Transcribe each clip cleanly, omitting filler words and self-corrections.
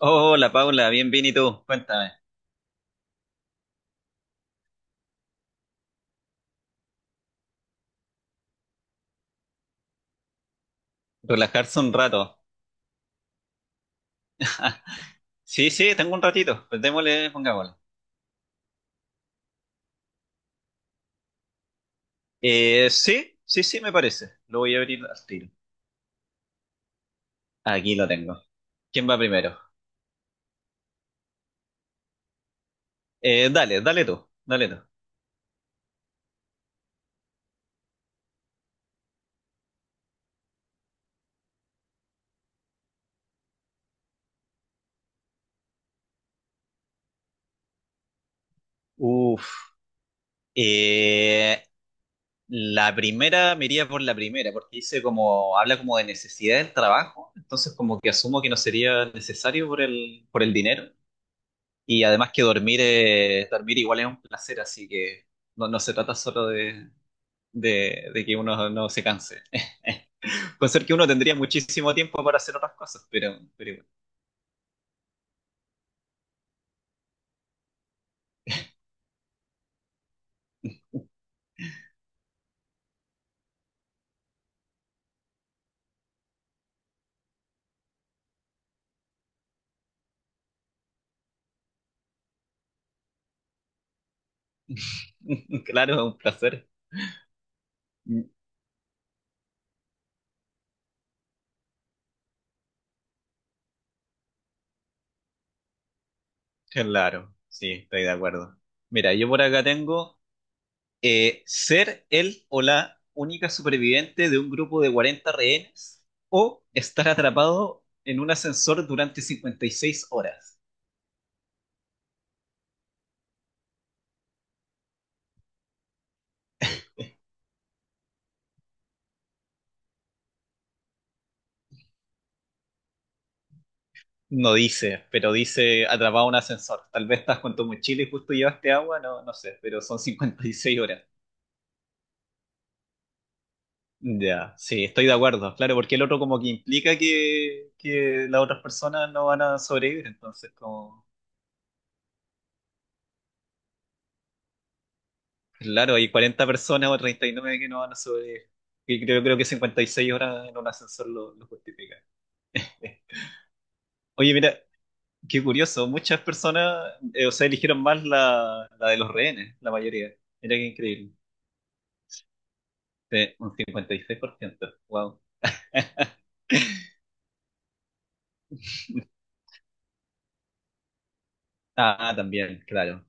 Hola Paula, bien, bien, ¿y tú? Cuéntame. Relajarse un rato. Sí, sí, tengo un ratito. Pues démosle, pongámosle. Sí, sí, sí, me parece. Lo voy a abrir al tiro. Aquí lo tengo. ¿Quién va primero? Dale, dale tú, dale tú. Uf. Eh, la primera, me iría por la primera, porque dice como, habla como de necesidad del trabajo, entonces como que asumo que no sería necesario por el dinero. Y además que dormir, dormir igual es un placer, así que no, no se trata solo de, de que uno no se canse. Con ser que uno tendría muchísimo tiempo para hacer otras cosas, pero claro, es un placer. Claro, sí, estoy de acuerdo. Mira, yo por acá tengo ser el o la única superviviente de un grupo de 40 rehenes o estar atrapado en un ascensor durante 56 horas. No dice, pero dice atrapado en un ascensor. Tal vez estás con tu mochila y justo llevaste agua, no, no sé, pero son 56 horas. Ya, sí, estoy de acuerdo, claro, porque el otro como que implica que las otras personas no van a sobrevivir, entonces como, claro, hay 40 personas o 39 que no van a sobrevivir, y creo que 56 horas en un ascensor lo justifica. Eh, Oye, mira, qué curioso, muchas personas, o sea, eligieron más la de los rehenes, la mayoría, mira qué increíble. Sí, un 56%, wow. Ah, también, claro,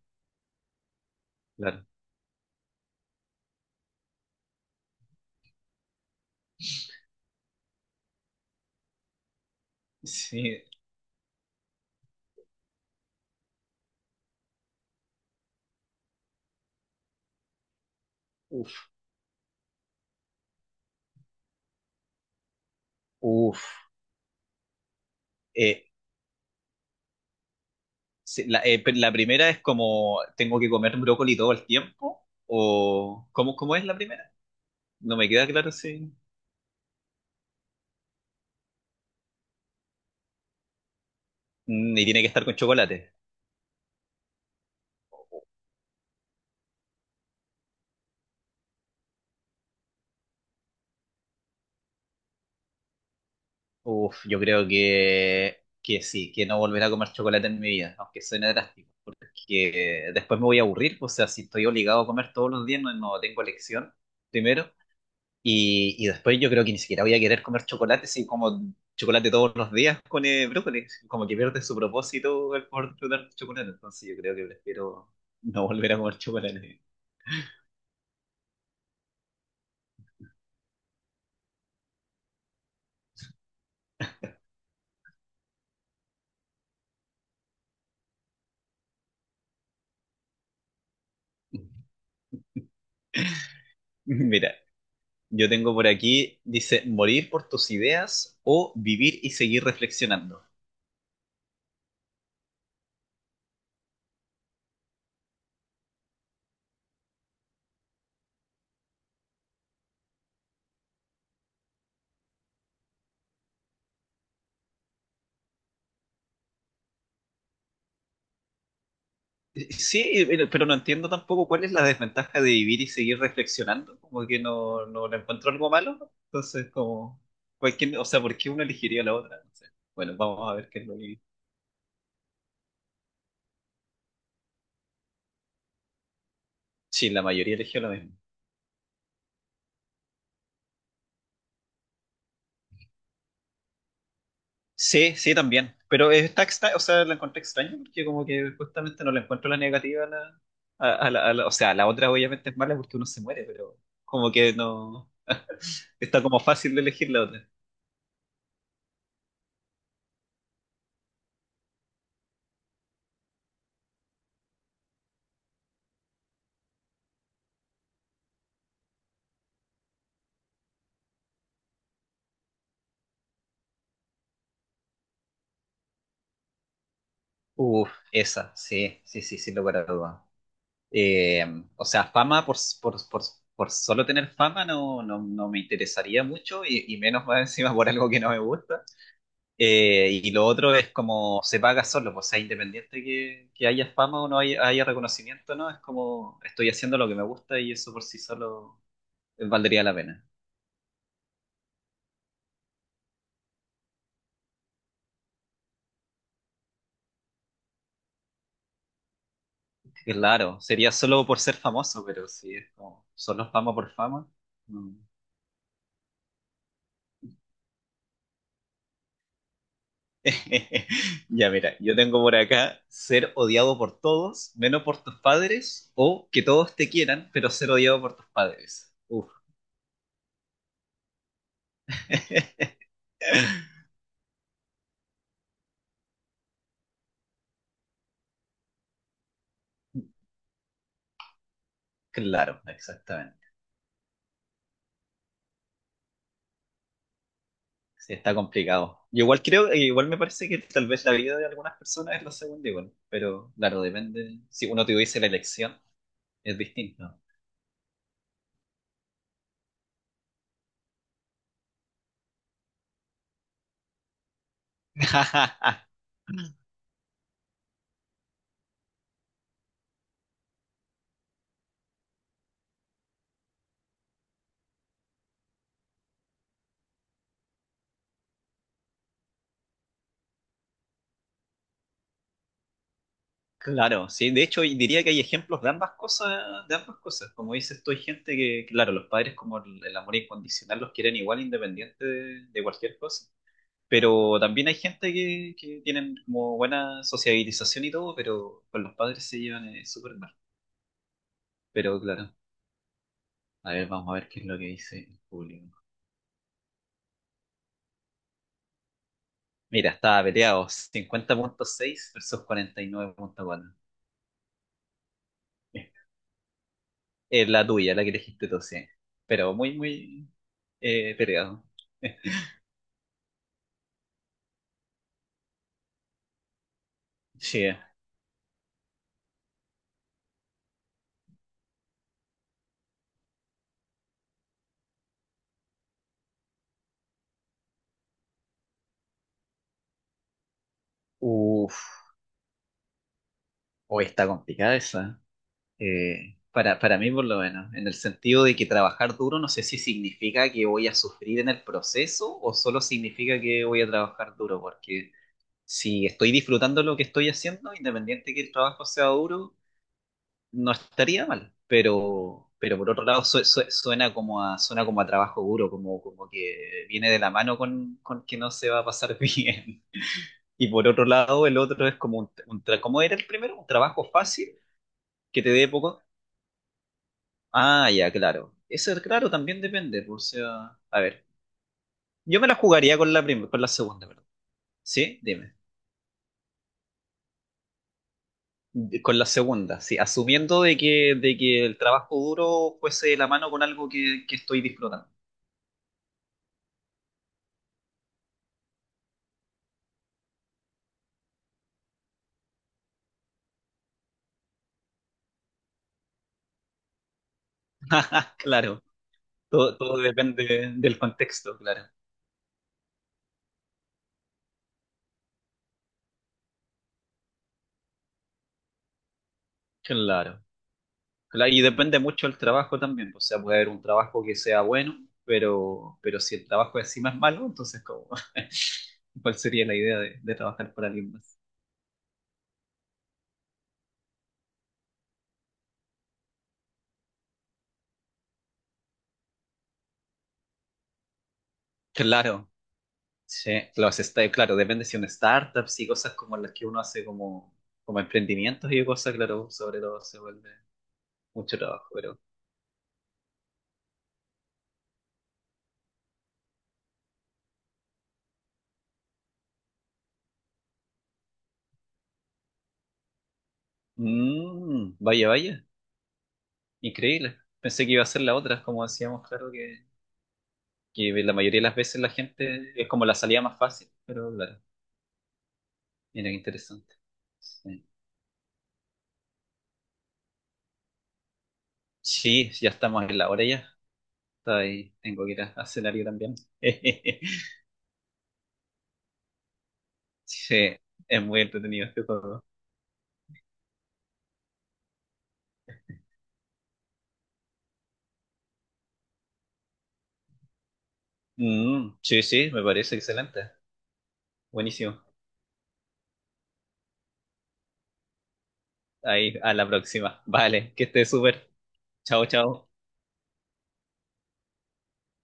claro. Sí, uff, uff. Sí, la primera es como, ¿tengo que comer brócoli todo el tiempo? ¿O cómo es la primera? No me queda claro si... Mm. Y tiene que estar con chocolate. Uf, yo creo que sí, que no volveré a comer chocolate en mi vida, aunque suene drástico, porque después me voy a aburrir, o sea, si estoy obligado a comer todos los días, no, no tengo elección, primero. Y después yo creo que ni siquiera voy a querer comer chocolate si como chocolate todos los días con brócoli. Como que pierde su propósito el poder disfrutar chocolate. Entonces yo creo que prefiero no volver a comer chocolate. Mira, yo tengo por aquí, dice, morir por tus ideas o vivir y seguir reflexionando. Sí, pero no entiendo tampoco cuál es la desventaja de vivir y seguir reflexionando. Como que no, no le encuentro algo malo, ¿no? Entonces, como, cualquier, o sea, ¿por qué uno elegiría la otra? No sé. Bueno, vamos a ver qué es lo que... Sí, la mayoría eligió lo mismo. Sí, sí, también. Pero está extra- o sea, la encontré extraña porque como que justamente no le encuentro la negativa a la, o sea, la otra obviamente es mala porque uno se muere, pero como que no, está como fácil de elegir la otra. Uf, esa, sí, sí, sí, sí, lo para duda. Eh, o sea, fama por solo tener fama no, no, no me interesaría mucho y menos más encima por algo que no me gusta. Y lo otro es como se paga solo, pues, o sea, independiente que haya fama o no haya reconocimiento, ¿no? Es como estoy haciendo lo que me gusta y eso por sí solo valdría la pena. Claro, sería solo por ser famoso, pero si es como solo fama por fama. No. Ya mira, yo tengo por acá ser odiado por todos, menos por tus padres, o que todos te quieran, pero ser odiado por tus padres. Uf. claro, exactamente. Sí, está complicado. Y igual creo, e igual me parece que tal vez la vida de algunas personas es lo segundo igual, pero claro, depende. Si uno tuviese la elección, es distinto. Claro, sí, de hecho y diría que hay ejemplos de ambas cosas, de ambas cosas. Como dices tú, hay gente que, claro, los padres como el amor incondicional los quieren igual independiente de, cualquier cosa. Pero también hay gente que tienen como buena sociabilización y todo, pero con los padres se llevan súper mal. Pero claro. A ver, vamos a ver qué es lo que dice el público. Mira, estaba peleado: 50,6 versus 49,4. Es la tuya, la que elegiste tú, sí. Pero muy, muy, peleado. Sí. Uf, hoy está complicada esa. Para mí, por lo menos, en el sentido de que trabajar duro no sé si significa que voy a sufrir en el proceso o solo significa que voy a trabajar duro, porque si estoy disfrutando lo que estoy haciendo, independiente que el trabajo sea duro, no estaría mal, pero por otro lado suena como a, suena como a trabajo duro, como, que viene de la mano con que no se va a pasar bien. Y por otro lado, el otro es como ¿cómo era el primero? Un trabajo fácil que te dé poco. Ah, ya, claro. Eso, claro, también depende, pues. O sea, a ver, yo me la jugaría con la segunda, perdón. ¿Sí? Dime. Con la segunda, sí, asumiendo de que el trabajo duro fuese de la mano con algo que estoy disfrutando. Claro. Todo depende del contexto, claro. Claro. Claro, y depende mucho del trabajo también, pues. O sea, puede haber un trabajo que sea bueno, pero si el trabajo encima es malo, entonces como ¿cuál sería la idea de trabajar para alguien más? Claro, sí. Los claro, depende si son startups y cosas como las que uno hace como, como emprendimientos y cosas, claro, sobre todo se vuelve mucho trabajo, pero... Mm, vaya, vaya, increíble. Pensé que iba a ser la otra, como decíamos, claro que la mayoría de las veces la gente es como la salida más fácil, pero claro, mira qué interesante. Sí. Sí, ya estamos en la hora ya. Está ahí, tengo que ir a cenar yo también. Sí, es muy entretenido este juego. Mm, sí, sí, me parece excelente. Buenísimo. Ahí, a la próxima. Vale, que estés súper. Chao, chao.